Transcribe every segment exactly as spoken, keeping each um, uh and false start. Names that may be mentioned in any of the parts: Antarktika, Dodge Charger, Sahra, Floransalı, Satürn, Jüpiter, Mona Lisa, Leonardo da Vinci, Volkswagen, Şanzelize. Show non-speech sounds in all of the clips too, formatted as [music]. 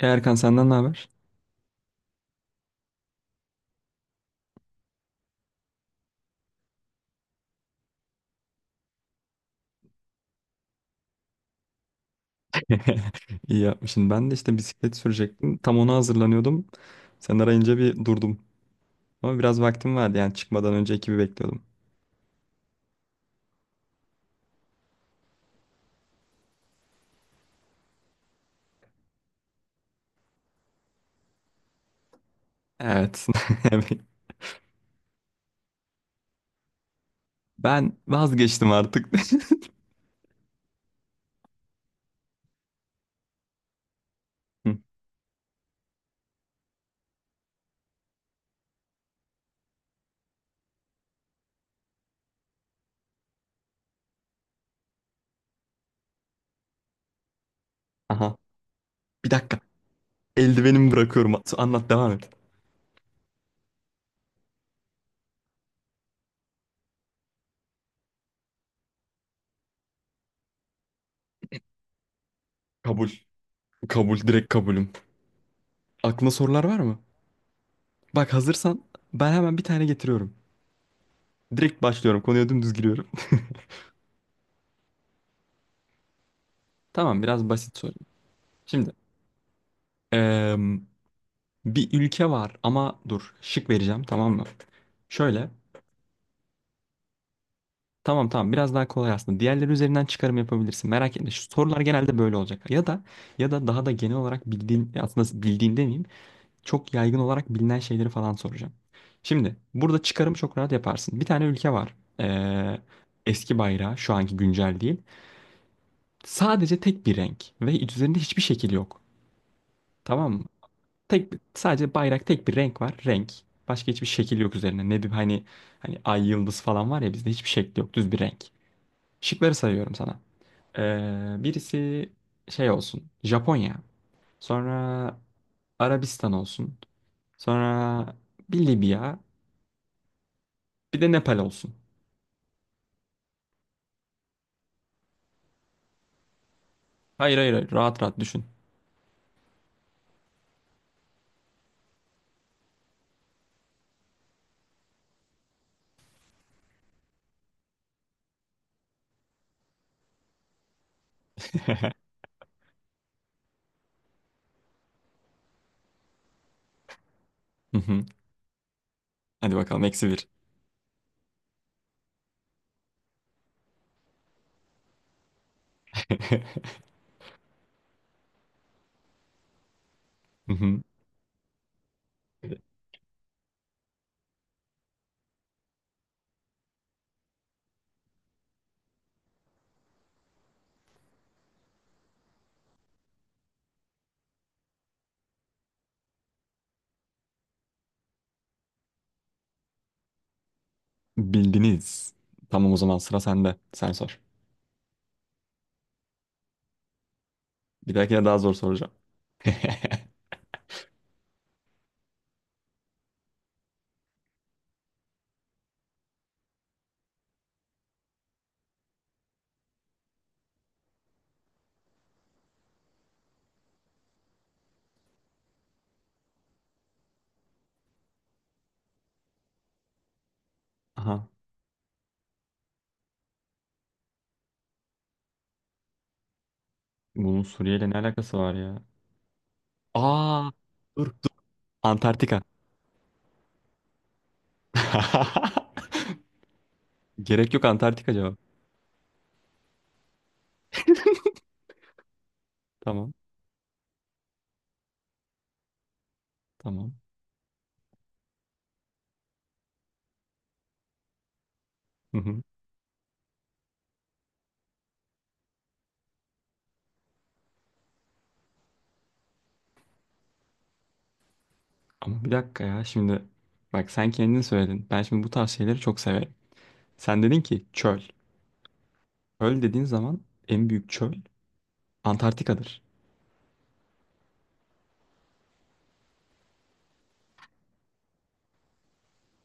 E, Erkan senden ne haber? [laughs] İyi yapmışsın. Ben de işte bisiklet sürecektim. Tam ona hazırlanıyordum. Sen arayınca bir durdum. Ama biraz vaktim vardı yani çıkmadan önce ekibi bekliyordum. Evet. [laughs] Ben vazgeçtim artık. [laughs] Hı. Aha. Bir dakika. Eldivenimi bırakıyorum. Anlat devam et. Kabul. Kabul. Direkt kabulüm. Aklına sorular var mı? Bak hazırsan ben hemen bir tane getiriyorum. Direkt başlıyorum. Konuya dümdüz giriyorum. [laughs] Tamam biraz basit sorayım. Şimdi. eee Bir ülke var ama dur şık vereceğim tamam mı? Şöyle. Tamam tamam biraz daha kolay aslında. Diğerleri üzerinden çıkarım yapabilirsin. Merak etme. Şu sorular genelde böyle olacak. Ya da ya da daha da genel olarak bildiğin aslında bildiğin demeyeyim. Çok yaygın olarak bilinen şeyleri falan soracağım. Şimdi burada çıkarım çok rahat yaparsın. Bir tane ülke var. Ee, eski bayrağı şu anki güncel değil. Sadece tek bir renk ve üzerinde hiçbir şekil yok. Tamam. Tek bir- sadece bayrak tek bir renk var. Renk. Başka hiçbir şekil yok üzerine. Ne diyeyim hani hani ay yıldız falan var ya bizde hiçbir şekli yok. Düz bir renk. Şıkları sayıyorum sana. Ee, birisi şey olsun. Japonya. Sonra Arabistan olsun. Sonra bir Libya. Bir de Nepal olsun. Hayır hayır hayır. Rahat rahat düşün. [laughs] Hı hı. Hadi bakalım eksi bir. [laughs] Hı hı. Bildiniz. Tamam o zaman sıra sende. Sen sor. Bir dahakine daha zor soracağım. [laughs] Aha. Bunun Suriye ile ne alakası var ya? Aa, dur, dur. Antarktika. [laughs] Gerek yok Antarktika cevap. Tamam, tamam. Hı hı. Ama bir dakika ya şimdi bak sen kendin söyledin. Ben şimdi bu tarz şeyleri çok severim. Sen dedin ki çöl. Çöl dediğin zaman en büyük çöl Antarktika'dır.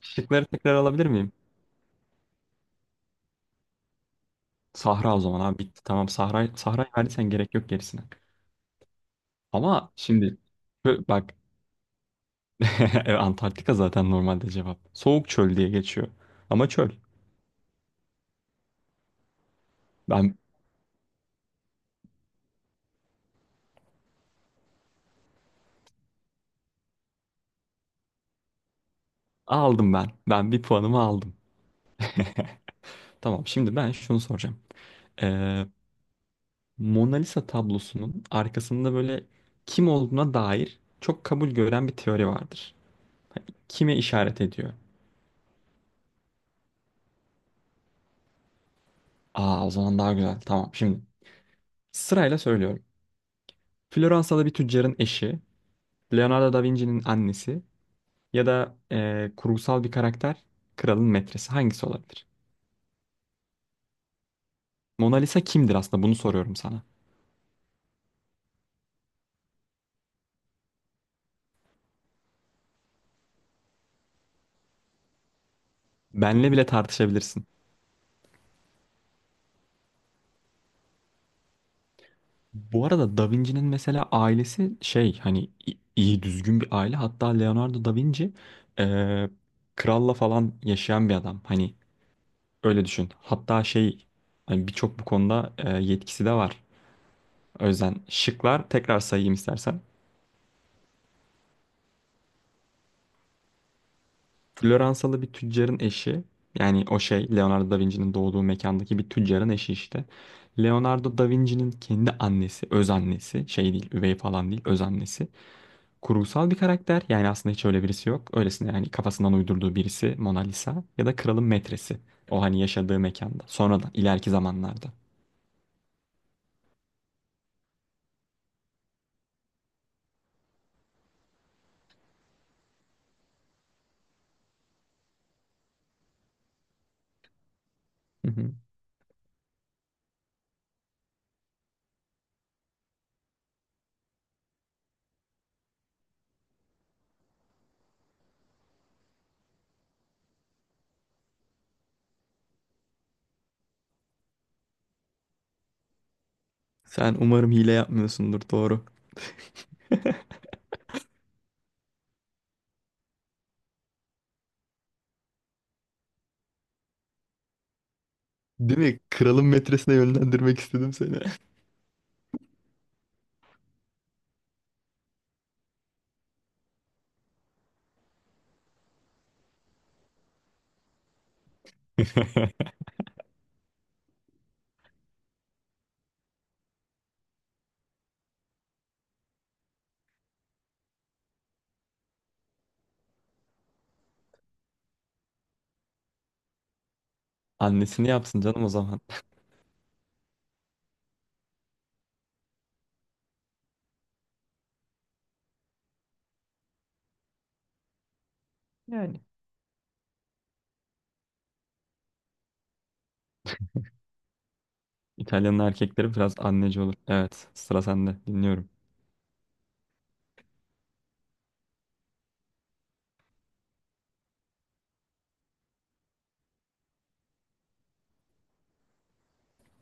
Şıkları tekrar alabilir miyim? Sahra o zaman abi bitti. Tamam Sahra Sahra'yı verdiysen gerek yok gerisine. Ama şimdi çö- bak [laughs] evet, Antarktika zaten normalde cevap. Soğuk çöl diye geçiyor. Ama çöl. Ben aldım ben. Ben bir puanımı aldım. [laughs] Tamam şimdi ben şunu soracağım. Ee, Mona Lisa tablosunun arkasında böyle kim olduğuna dair çok kabul gören bir teori vardır. Kime işaret ediyor? Aa o zaman daha güzel. Tamam şimdi sırayla söylüyorum. Floransalı bir tüccarın eşi, Leonardo da Vinci'nin annesi ya da e, kurgusal bir karakter, kralın metresi, hangisi olabilir? Mona Lisa kimdir aslında bunu soruyorum sana. Benle bile tartışabilirsin. Bu arada Da Vinci'nin mesela ailesi şey hani i- iyi düzgün bir aile. Hatta Leonardo Da Vinci eee, kralla falan yaşayan bir adam. Hani öyle düşün. Hatta şey hani birçok bu konuda eee, yetkisi de var. O yüzden şıklar tekrar sayayım istersen. Floransalı bir tüccarın eşi. Yani o şey Leonardo Da Vinci'nin doğduğu mekandaki bir tüccarın eşi işte. Leonardo Da Vinci'nin kendi annesi, öz annesi şey değil, üvey falan değil, öz annesi. Kurgusal bir karakter. Yani aslında hiç öyle birisi yok. Öylesine yani kafasından uydurduğu birisi Mona Lisa ya da kralın metresi. O hani yaşadığı mekanda. Sonradan ileriki zamanlarda. Hı hı. Sen umarım hile yapmıyorsundur doğru. Değil mi? Kralın metresine yönlendirmek istedim seni. [laughs] [laughs] Annesini yapsın canım o zaman. Yani. İtalyan'ın erkekleri biraz anneci olur. Evet, sıra sende. Dinliyorum.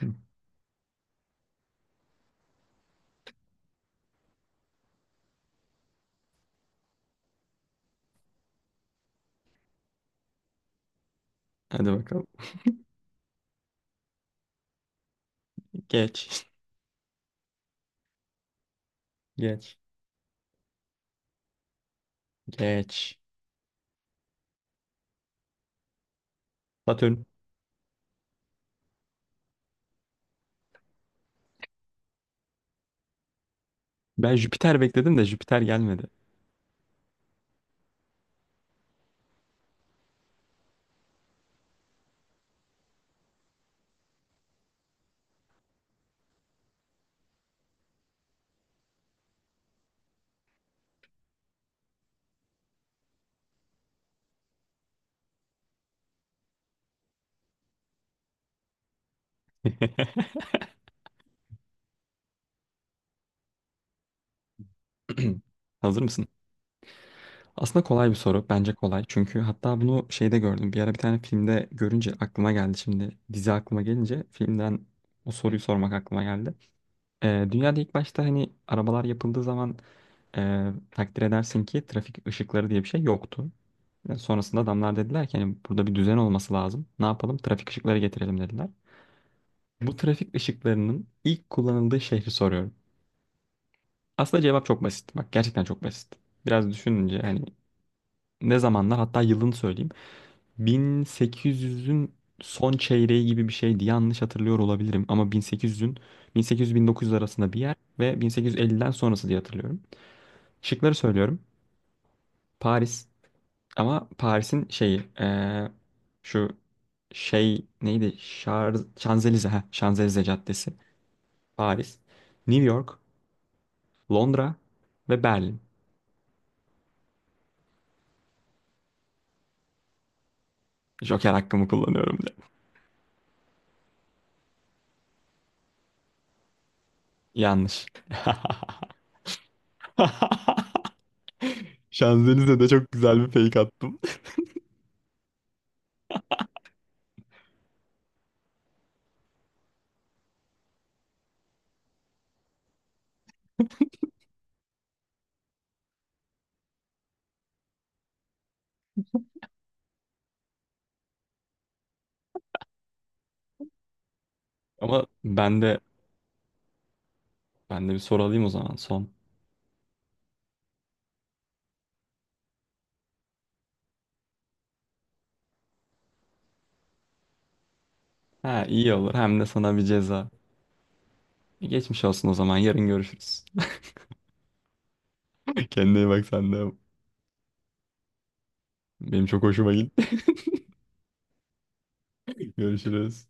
Hı. Hadi bakalım. Geç. [laughs] Geç. Geç. Satürn. Ben Jüpiter bekledim de Jüpiter gelmedi. [laughs] [clears throat] Hazır mısın? Aslında kolay bir soru. Bence kolay. Çünkü hatta bunu şeyde gördüm. Bir ara bir tane filmde görünce aklıma geldi. Şimdi dizi aklıma gelince filmden o soruyu sormak aklıma geldi. Ee, dünyada ilk başta hani arabalar yapıldığı zaman e, takdir edersin ki trafik ışıkları diye bir şey yoktu. Yani sonrasında adamlar dediler ki hani burada bir düzen olması lazım. Ne yapalım? Trafik ışıkları getirelim dediler. Bu trafik ışıklarının ilk kullanıldığı şehri soruyorum. Aslında cevap çok basit. Bak gerçekten çok basit. Biraz düşününce hani ne zamanlar hatta yılını söyleyeyim. bin sekiz yüzün son çeyreği gibi bir şeydi. Yanlış hatırlıyor olabilirim ama bin sekiz yüzün bin sekiz yüz-bin dokuz yüz arasında bir yer ve bin sekiz yüz elliden sonrası diye hatırlıyorum. Şıkları söylüyorum. Paris ama Paris'in şeyi eee, şu şey neydi? Şar Şanzelize ha Şanzelize Caddesi. Paris, New York, Londra ve Berlin. Joker hakkımı kullanıyorum diye. Yanlış. [laughs] Şanzelize'de çok güzel bir fake attım. Ama ben de ben de bir soru alayım o zaman son. Ha iyi olur hem de sana bir ceza. E, Geçmiş olsun o zaman yarın görüşürüz. [laughs] Kendine iyi bak sen de. Benim çok hoşuma gitti. [laughs] Görüşürüz.